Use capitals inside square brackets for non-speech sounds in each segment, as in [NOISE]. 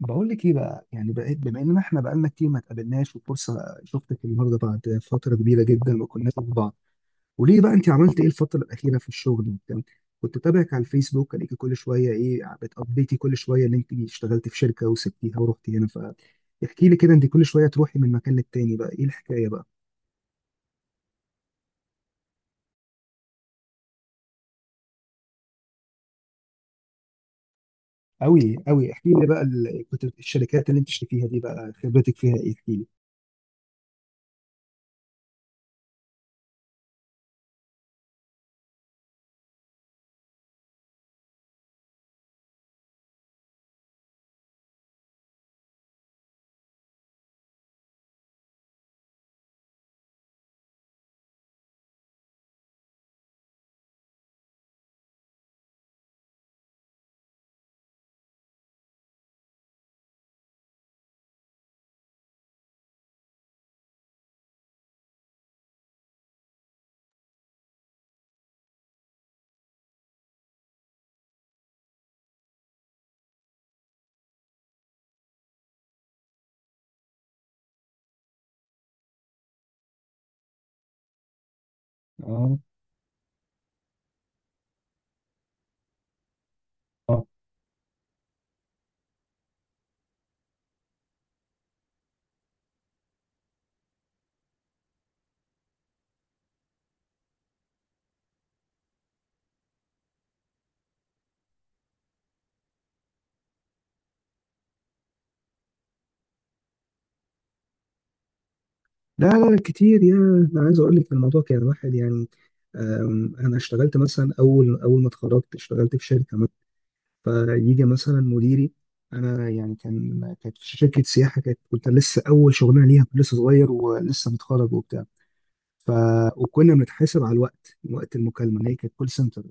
بقول لك ايه بقى؟ يعني بقيت بما ان احنا بقالنا كتير ما اتقابلناش وفرصه شفتك النهارده بعد فتره كبيره جدا ما كناش مع بعض. وليه بقى انت عملت ايه الفتره الاخيره في الشغل وبتاع؟ كنت بتابعك على الفيسبوك الاقيكي كل شويه، ايه بتابديتي كل شويه ان انت اشتغلت في شركه وسبتيها ورحتي هنا؟ فاحكي لي كده، انت كل شويه تروحي من مكان للتاني. بقى ايه الحكايه بقى؟ قوي قوي احكي لي بقى، كنت الشركات اللي انت اشتكيها دي بقى خبرتك فيها ايه؟ احكي لي. اه. لا لا، كتير. يا انا عايز اقول لك الموضوع كان واحد يعني. انا اشتغلت مثلا اول ما اتخرجت اشتغلت في شركه مثلا، فيجي مثلا مديري. انا يعني كانت في شركه سياحه، كنت لسه اول شغلانه ليها، كنت لسه صغير ولسه متخرج وبتاع. ف وكنا بنتحاسب على الوقت، وقت المكالمه اللي هي كانت كول سنتر.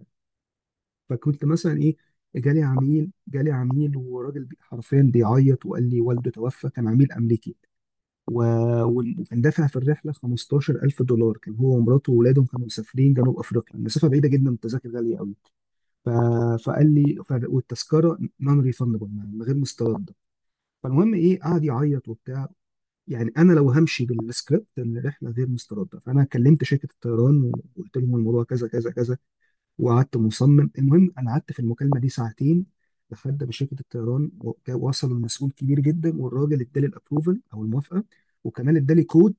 فكنت مثلا ايه، جالي عميل وراجل حرفيا بيعيط، وقال لي والده توفى، كان عميل امريكي. و... وكان دافع في الرحله 15000 دولار، كان هو ومراته وولادهم كانوا مسافرين جنوب افريقيا، المسافه بعيده جدا والتذاكر غاليه قوي. ف... فقال لي والتذكره نون ريفندبل، من غير مسترده. فالمهم ايه، قعد يعيط وبتاع. يعني انا لو همشي بالسكريبت، الرحله غير مسترده، فانا كلمت شركه الطيران وقلت لهم الموضوع كذا كذا كذا، وقعدت مصمم. المهم انا قعدت في المكالمه دي ساعتين لحد ما شركه الطيران وصلوا لمسؤول كبير جدا، والراجل ادالي الابروفل او الموافقه، وكمان ادالي كود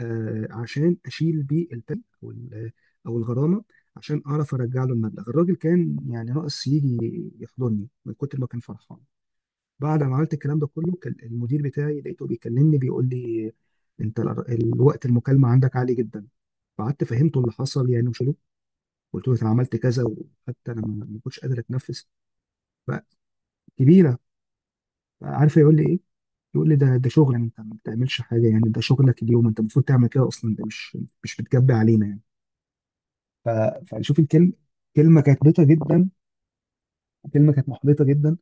عشان اشيل بيه التل او او الغرامه، عشان اعرف ارجع له المبلغ. الراجل كان يعني ناقص يجي يحضني من كتر ما كان فرحان. بعد ما عملت الكلام ده كله، كان المدير بتاعي لقيته بيكلمني بيقول لي: انت الوقت المكالمه عندك عالي جدا. فقعدت فهمته اللي حصل يعني وشلو، قلت له انا عملت كذا، وحتى انا ما كنتش قادر اتنفس. بقى كبيره. بقى عارف يقول لي ايه؟ يقول لي ده شغل، انت ما بتعملش حاجه يعني، ده شغلك اليوم، انت المفروض تعمل كده اصلا، ده مش بتجبي علينا يعني. ف- فنشوف الكلمة، كلمة كانت محبطة جدا، كلمة كانت محبطة جدا.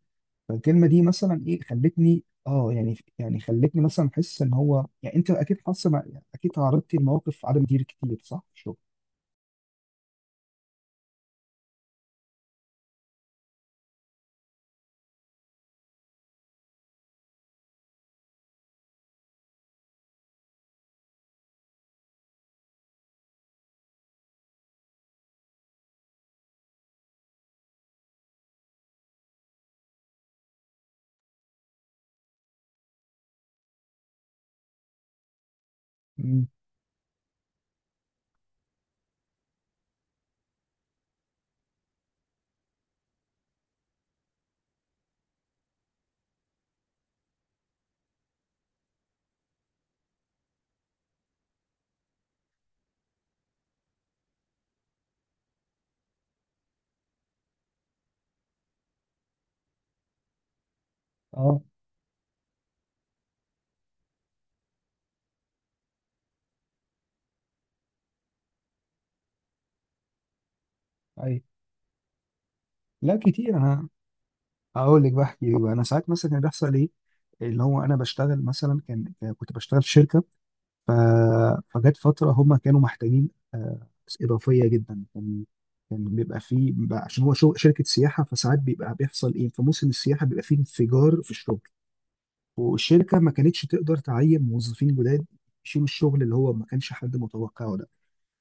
فالكلمة دي مثلا ايه، خلتني يعني خلتني مثلا احس ان هو يعني، انت اكيد حاسه اكيد تعرضتي لمواقف عدم دير كتير، صح، في الشغل؟ امم. اه. اي. لا، كتير. انا هقول لك، بحكي بقى، انا ساعات مثلا كان بيحصل ايه، اللي هو انا بشتغل مثلا كنت بشتغل في شركة. ف... فجت فترة هم كانوا محتاجين آه، ناس إضافية جدا. كان كان بيبقى فيه عشان هو شركة سياحة، فساعات بيبقى بيحصل إيه، في موسم السياحة بيبقى فيه انفجار في الشغل، والشركة ما كانتش تقدر تعين موظفين جداد يشيلوا الشغل اللي هو ما كانش حد متوقعه ده.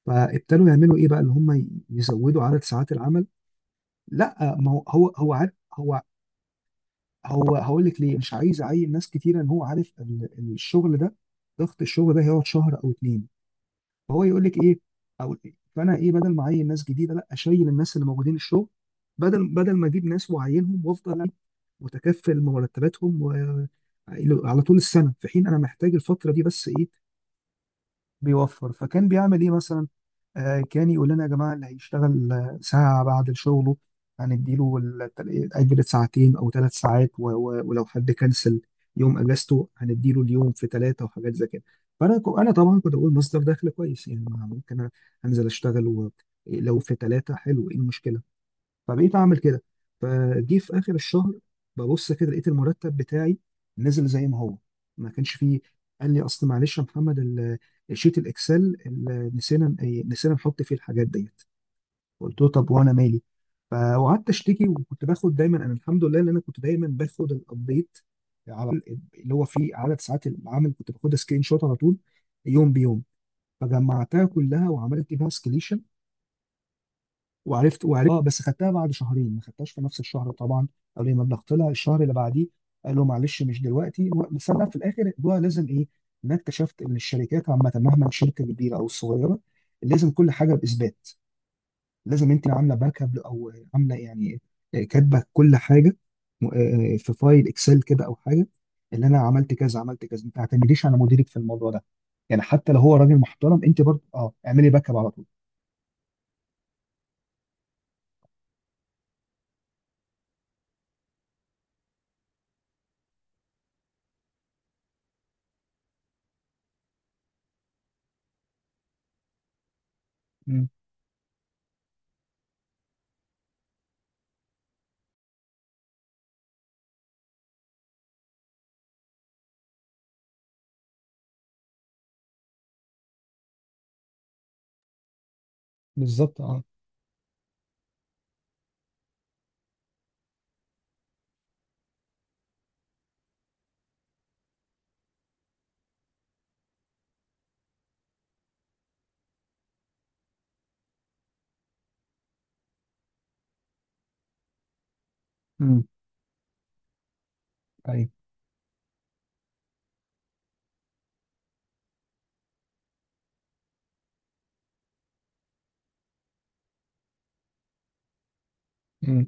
فابتدوا يعملوا إيه بقى؟ اللي هم يزودوا عدد ساعات العمل. لا، ما هو عارف. هو هو هقول لك ليه مش عايز يعين ناس كتيرة، إن هو عارف الشغل ده، ضغط الشغل ده هيقعد شهر أو اتنين. فهو يقول لك ايه، او فانا ايه، بدل ما اعين ناس جديده، لا اشيل الناس اللي موجودين الشغل، بدل ما اجيب ناس واعينهم وافضل متكفل مرتباتهم على طول السنه، في حين انا محتاج الفتره دي بس، ايه، بيوفر. فكان بيعمل ايه مثلا؟ كان يقول لنا يا جماعه، اللي هيشتغل ساعه بعد شغله هنديله اجر ساعتين او ثلاث ساعات، ولو حد كنسل يوم اجازته هنديله اليوم في ثلاثه وحاجات زي كده. فانا انا طبعا كنت بقول مصدر دخل كويس، يعني ما ممكن أنا انزل اشتغل لو في ثلاثه، حلو، ايه المشكله؟ فبقيت اعمل كده. فجي في اخر الشهر ببص كده لقيت المرتب بتاعي نزل زي ما هو، ما كانش فيه. قال لي: اصل معلش يا محمد، الشيت الاكسل نسينا نحط فيه الحاجات ديت. قلت له طب وانا مالي؟ فقعدت اشتكي. وكنت باخد دايما، انا الحمد لله ان انا كنت دايما باخد الابديت على طول، اللي هو فيه عدد ساعات العمل كنت باخدها سكرين شوت على طول، يوم بيوم، فجمعتها كلها وعملت بيها. وعرفت اه، بس خدتها بعد شهرين، ما خدتهاش في نفس الشهر طبعا، قالوا لي المبلغ طلع الشهر اللي بعديه. قالوا معلش مش دلوقتي بس انا في الاخر الموضوع لازم ايه، إن انا اكتشفت ان الشركات عامه، مهما الشركه كبيره او صغيره، لازم كل حاجه باثبات، لازم انت عامله باك اب، او عامله يعني كاتبه كل حاجه، في فايل اكسل كده او حاجه، اللي انا عملت كذا عملت كذا. ما تعتمديش على مديرك في الموضوع ده، يعني حتى لو هو راجل محترم، انت برضه اعملي باك اب على طول. مم. بالظبط، اه. امم. ايوه. مم.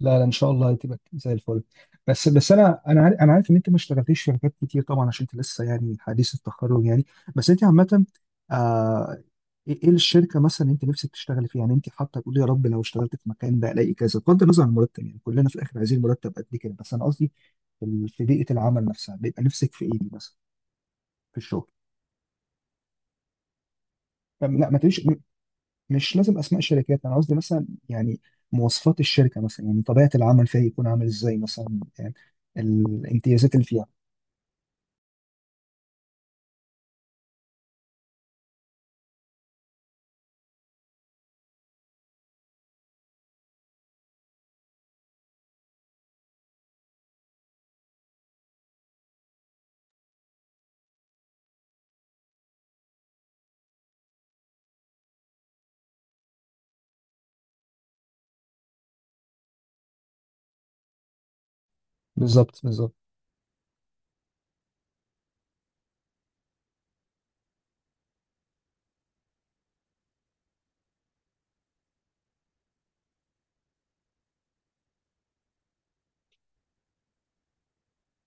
لا لا، ان شاء الله هتبقى زي الفل. بس انا عارف ان انت ما اشتغلتيش في شركات كتير طبعا، عشان انت لسه يعني حديث التخرج يعني. بس انت عامه، آه ايه الشركه مثلا انت نفسك تشتغلي فيها؟ يعني انت حاطه تقولي يا رب لو اشتغلت في مكان ده الاقي كذا، بغض النظر عن المرتب، يعني كلنا في الاخر عايزين مرتب قد كده، بس انا قصدي في بيئه العمل نفسها، بيبقى نفسك في ايه مثلا في الشغل؟ طب لا ما تقوليش، مش لازم اسماء شركات، انا قصدي مثلا يعني مواصفات الشركه، مثلا يعني طبيعه العمل فيها يكون عامل ازاي مثلا، يعني الامتيازات اللي فيها. بالظبط، بالظبط.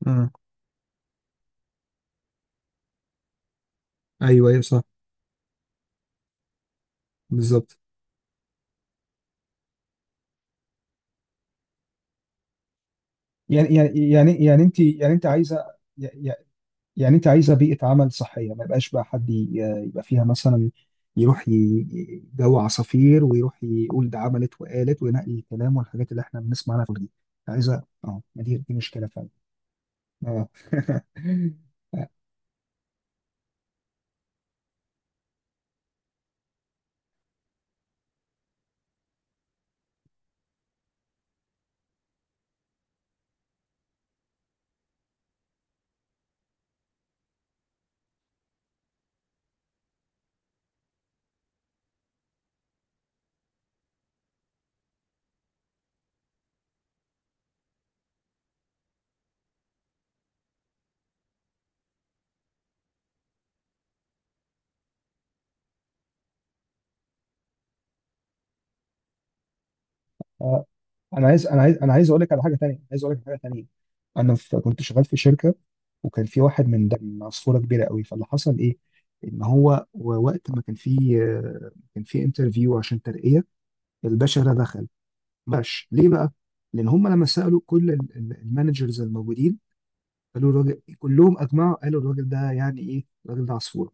امم. ايوه، ايوه، صح. بالظبط. يعني انت انت عايزه، يعني يعني انت عايزه بيئه عمل صحيه، ما يبقاش بقى حد يبقى فيها مثلا يروح جو عصافير، ويروح يقول ده عملت وقالت وينقي الكلام والحاجات اللي احنا بنسمع عنها في دي. عايزه؟ اه، ما دي مشكله فعلا. اه. [LAUGHS] انا عايز اقول لك على حاجه تانية، انا كنت شغال في شركه، وكان في واحد من ده من عصفوره كبيره قوي. فاللي حصل ايه، ان هو وقت ما كان في انترفيو عشان ترقيه. الباشا ده دخل ماشي ليه بقى؟ لان هم لما سالوا كل المانجرز الموجودين قالوا الراجل، كلهم اجمعوا قالوا الراجل ده يعني ايه، الراجل ده عصفوره،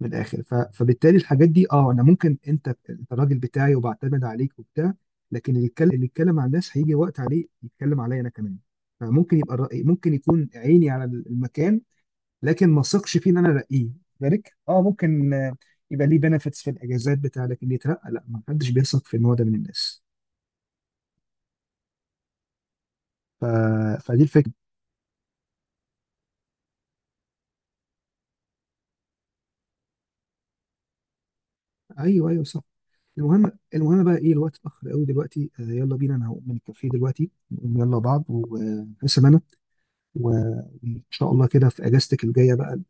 من الاخر. فبالتالي الحاجات دي انا ممكن انت الراجل بتاعي وبعتمد عليك وبتاع، لكن اللي يتكلم على الناس هيجي وقت عليه يتكلم عليا انا كمان. فممكن يبقى الرأي ممكن يكون عيني على المكان، لكن ما ثقش فيه ان انا ارقيه ذلك. اه ممكن يبقى ليه بنفيتس في الاجازات بتاع، لكن اللي يترقى لا، ما حدش بيثق في النوع ده من الناس. ف... فدي الفكره. ايوه، ايوه، صح. المهم بقى ايه، الوقت اتاخر قوي دلوقتي. يلا بينا، انا هقوم من الكافيه دلوقتي، نقوم يلا بعض وحسب، و- وان شاء الله كده في اجازتك الجايه بقى.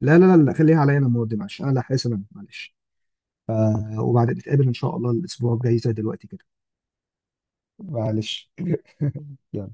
لا لا لا لا، خليها عليا انا المره دي، معلش، انا حاسس، انا معلش. وبعد نتقابل ان شاء الله الاسبوع الجاي زي دلوقتي كده. معلش. [LAUGHS] يلا.